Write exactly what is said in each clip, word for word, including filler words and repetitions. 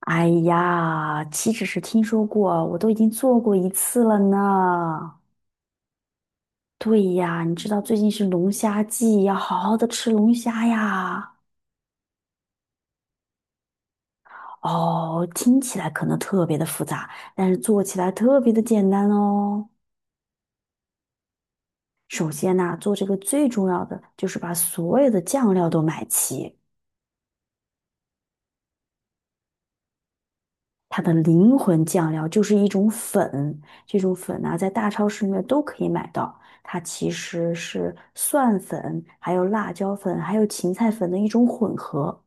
哎呀，岂止是听说过，我都已经做过一次了呢。对呀，你知道最近是龙虾季，要好好的吃龙虾呀。哦，听起来可能特别的复杂，但是做起来特别的简单哦。首先呢，做这个最重要的就是把所有的酱料都买齐，它的灵魂酱料就是一种粉，这种粉呢、在大超市里面都可以买到。它其实是蒜粉、还有辣椒粉、还有芹菜粉的一种混合，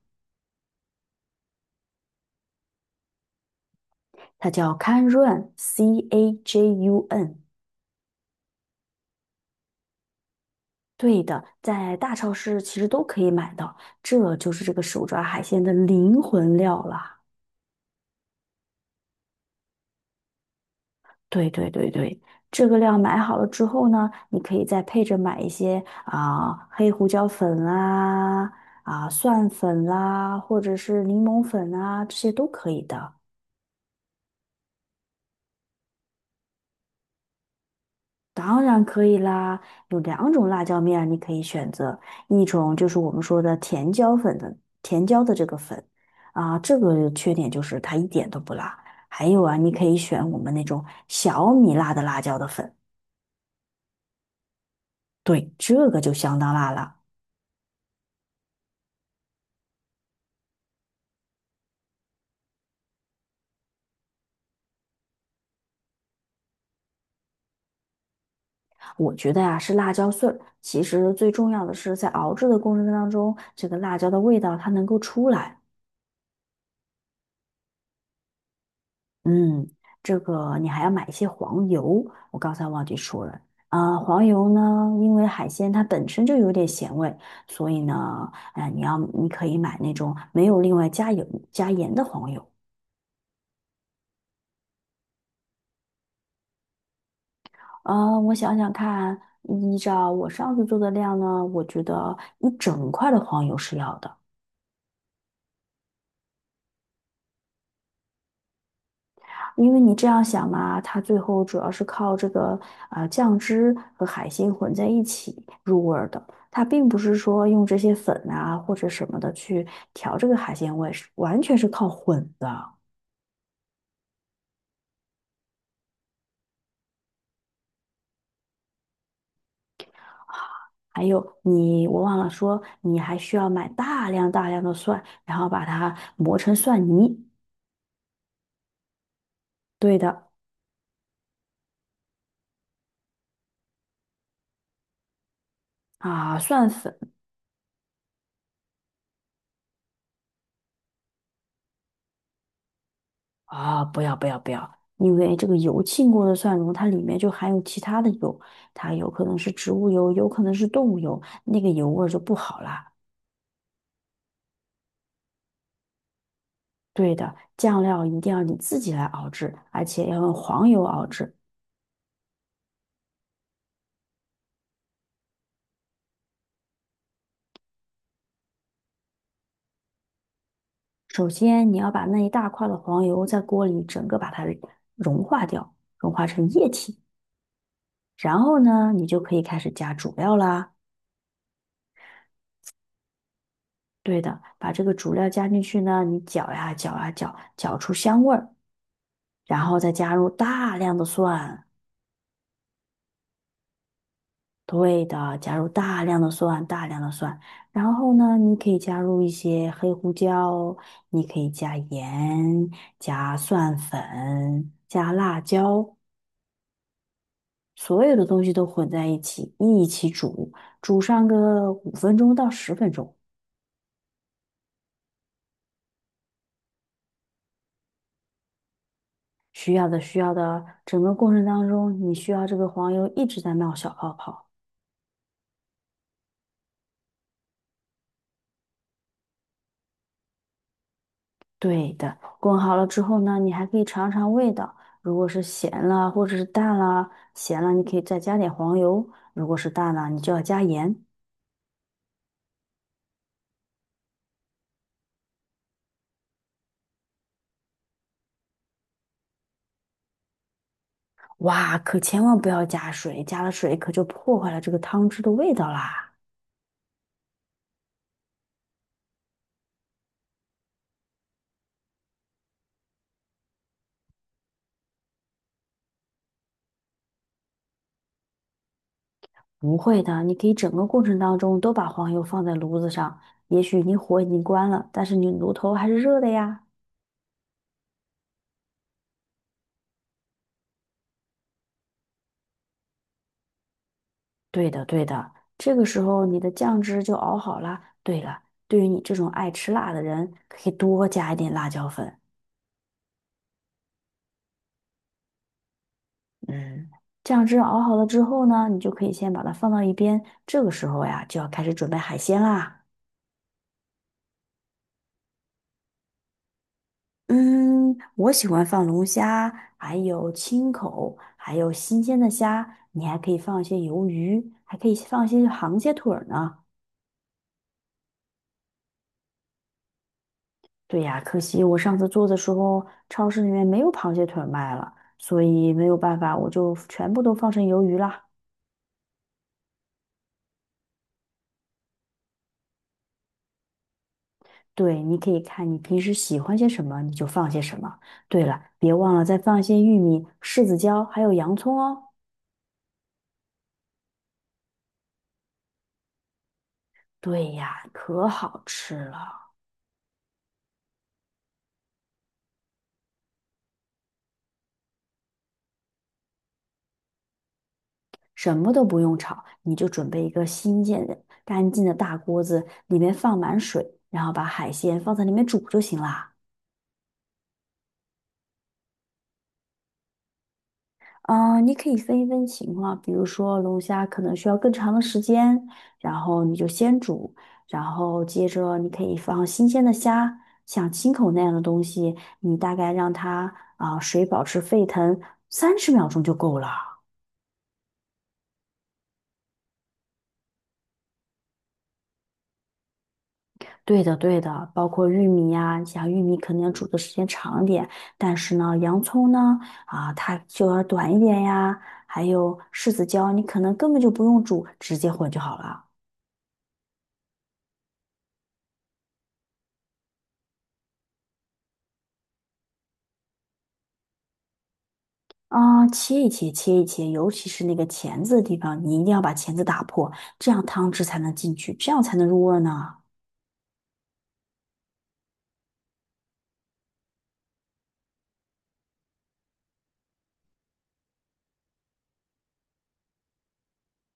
它叫 Cajun，C A J U N。对的，在大超市其实都可以买到，这就是这个手抓海鲜的灵魂料了。对对对对，这个料买好了之后呢，你可以再配着买一些啊、黑胡椒粉啦、啊蒜粉啦，或者是柠檬粉啊，这些都可以的。当然可以啦，有两种辣椒面你可以选择，一种就是我们说的甜椒粉的甜椒的这个粉啊、这个缺点就是它一点都不辣。还有啊，你可以选我们那种小米辣的辣椒的粉，对，这个就相当辣了。我觉得呀、是辣椒碎儿。其实最重要的是，在熬制的过程当中，这个辣椒的味道它能够出来。嗯，这个你还要买一些黄油，我刚才忘记说了。啊、黄油呢，因为海鲜它本身就有点咸味，所以呢，呃，你要你可以买那种没有另外加油加盐的黄油。啊、我想想看，依照我上次做的量呢，我觉得一整块的黄油是要的。因为你这样想嘛，它最后主要是靠这个呃酱汁和海鲜混在一起入味儿的，它并不是说用这些粉啊或者什么的去调这个海鲜味，是完全是靠混的。还有你，我忘了说，你还需要买大量大量的蒜，然后把它磨成蒜泥。对的啊，蒜粉。啊，不要不要不要，因为这个油浸过的蒜蓉，它里面就含有其他的油，它有可能是植物油，有可能是动物油，那个油味儿就不好啦。对的，酱料一定要你自己来熬制，而且要用黄油熬制。首先，你要把那一大块的黄油在锅里整个把它融化掉，融化成液体。然后呢，你就可以开始加主料啦。对的，把这个主料加进去呢，你搅呀搅呀搅，搅出香味儿。然后再加入大量的蒜，对的，加入大量的蒜，大量的蒜。然后呢，你可以加入一些黑胡椒，你可以加盐、加蒜粉、加辣椒，所有的东西都混在一起，一起煮，煮上个五分钟到十分钟。需要的，需要的，整个过程当中，你需要这个黄油一直在冒小泡泡。对的，滚好了之后呢，你还可以尝尝味道。如果是咸了或者是淡了，咸了你可以再加点黄油；如果是淡了，你就要加盐。哇，可千万不要加水，加了水可就破坏了这个汤汁的味道啦。不会的，你可以整个过程当中都把黄油放在炉子上，也许你火已经关了，但是你炉头还是热的呀。对的，对的，这个时候你的酱汁就熬好啦。对了，对于你这种爱吃辣的人，可以多加一点辣椒粉。嗯，酱汁熬好了之后呢，你就可以先把它放到一边。这个时候呀，就要开始准备海鲜啦。嗯，我喜欢放龙虾，还有青口，还有新鲜的虾。你还可以放一些鱿鱼，还可以放一些螃蟹腿儿呢。对呀，可惜我上次做的时候，超市里面没有螃蟹腿儿卖了，所以没有办法，我就全部都放成鱿鱼啦。对，你可以看你平时喜欢些什么，你就放些什么。对了，别忘了再放一些玉米、柿子椒，还有洋葱哦。对呀，可好吃了，什么都不用炒，你就准备一个新建的、干净的大锅子，里面放满水，然后把海鲜放在里面煮就行啦。嗯，呃你可以分一分情况，比如说龙虾可能需要更长的时间，然后你就先煮，然后接着你可以放新鲜的虾，像青口那样的东西，你大概让它啊、水保持沸腾三十秒钟就够了。对的，对的，包括玉米呀、像玉米可能要煮的时间长一点，但是呢，洋葱呢，啊，它就要短一点呀，还有柿子椒，你可能根本就不用煮，直接混就好了。啊、切一切，切一切，尤其是那个钳子的地方，你一定要把钳子打破，这样汤汁才能进去，这样才能入味儿呢。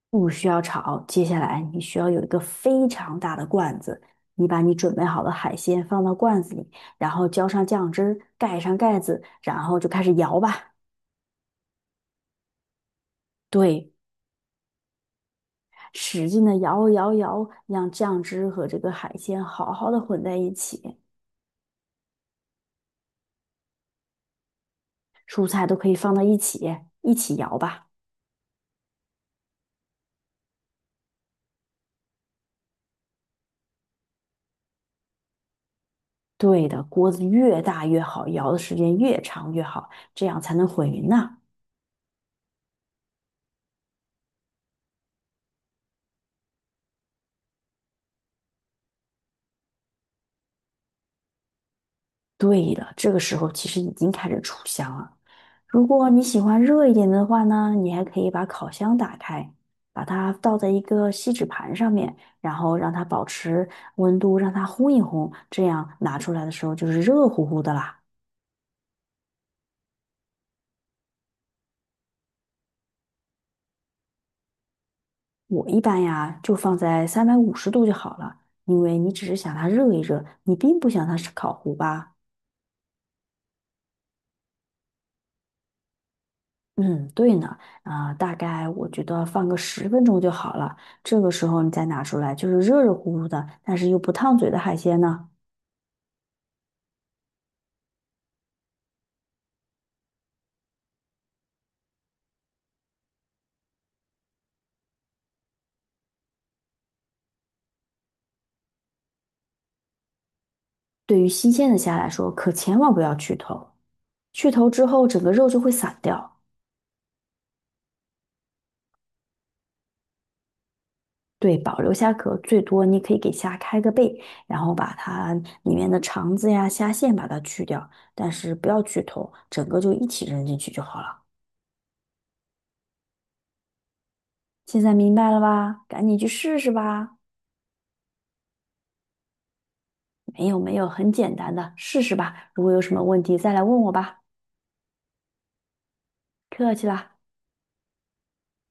不需要炒，接下来你需要有一个非常大的罐子，你把你准备好的海鲜放到罐子里，然后浇上酱汁儿盖上盖子，然后就开始摇吧。对，使劲的摇摇摇，让酱汁和这个海鲜好好的混在一起，蔬菜都可以放到一起，一起摇吧。对的，锅子越大越好，摇的时间越长越好，这样才能混匀呐。对的，这个时候其实已经开始出香了。如果你喜欢热一点的话呢，你还可以把烤箱打开，把它倒在一个锡纸盘上面，然后让它保持温度，让它烘一烘，这样拿出来的时候就是热乎乎的啦。我一般呀就放在三百五十度就好了，因为你只是想它热一热，你并不想它是烤糊吧。嗯，对呢，啊、大概我觉得放个十分钟就好了。这个时候你再拿出来，就是热热乎乎的，但是又不烫嘴的海鲜呢，对于新鲜的虾来说，可千万不要去头。去头之后，整个肉就会散掉。对，保留虾壳，最多你可以给虾开个背，然后把它里面的肠子呀、虾线把它去掉，但是不要去头，整个就一起扔进去就好了。现在明白了吧？赶紧去试试吧。没有没有，很简单的，试试吧。如果有什么问题再来问我吧。客气啦。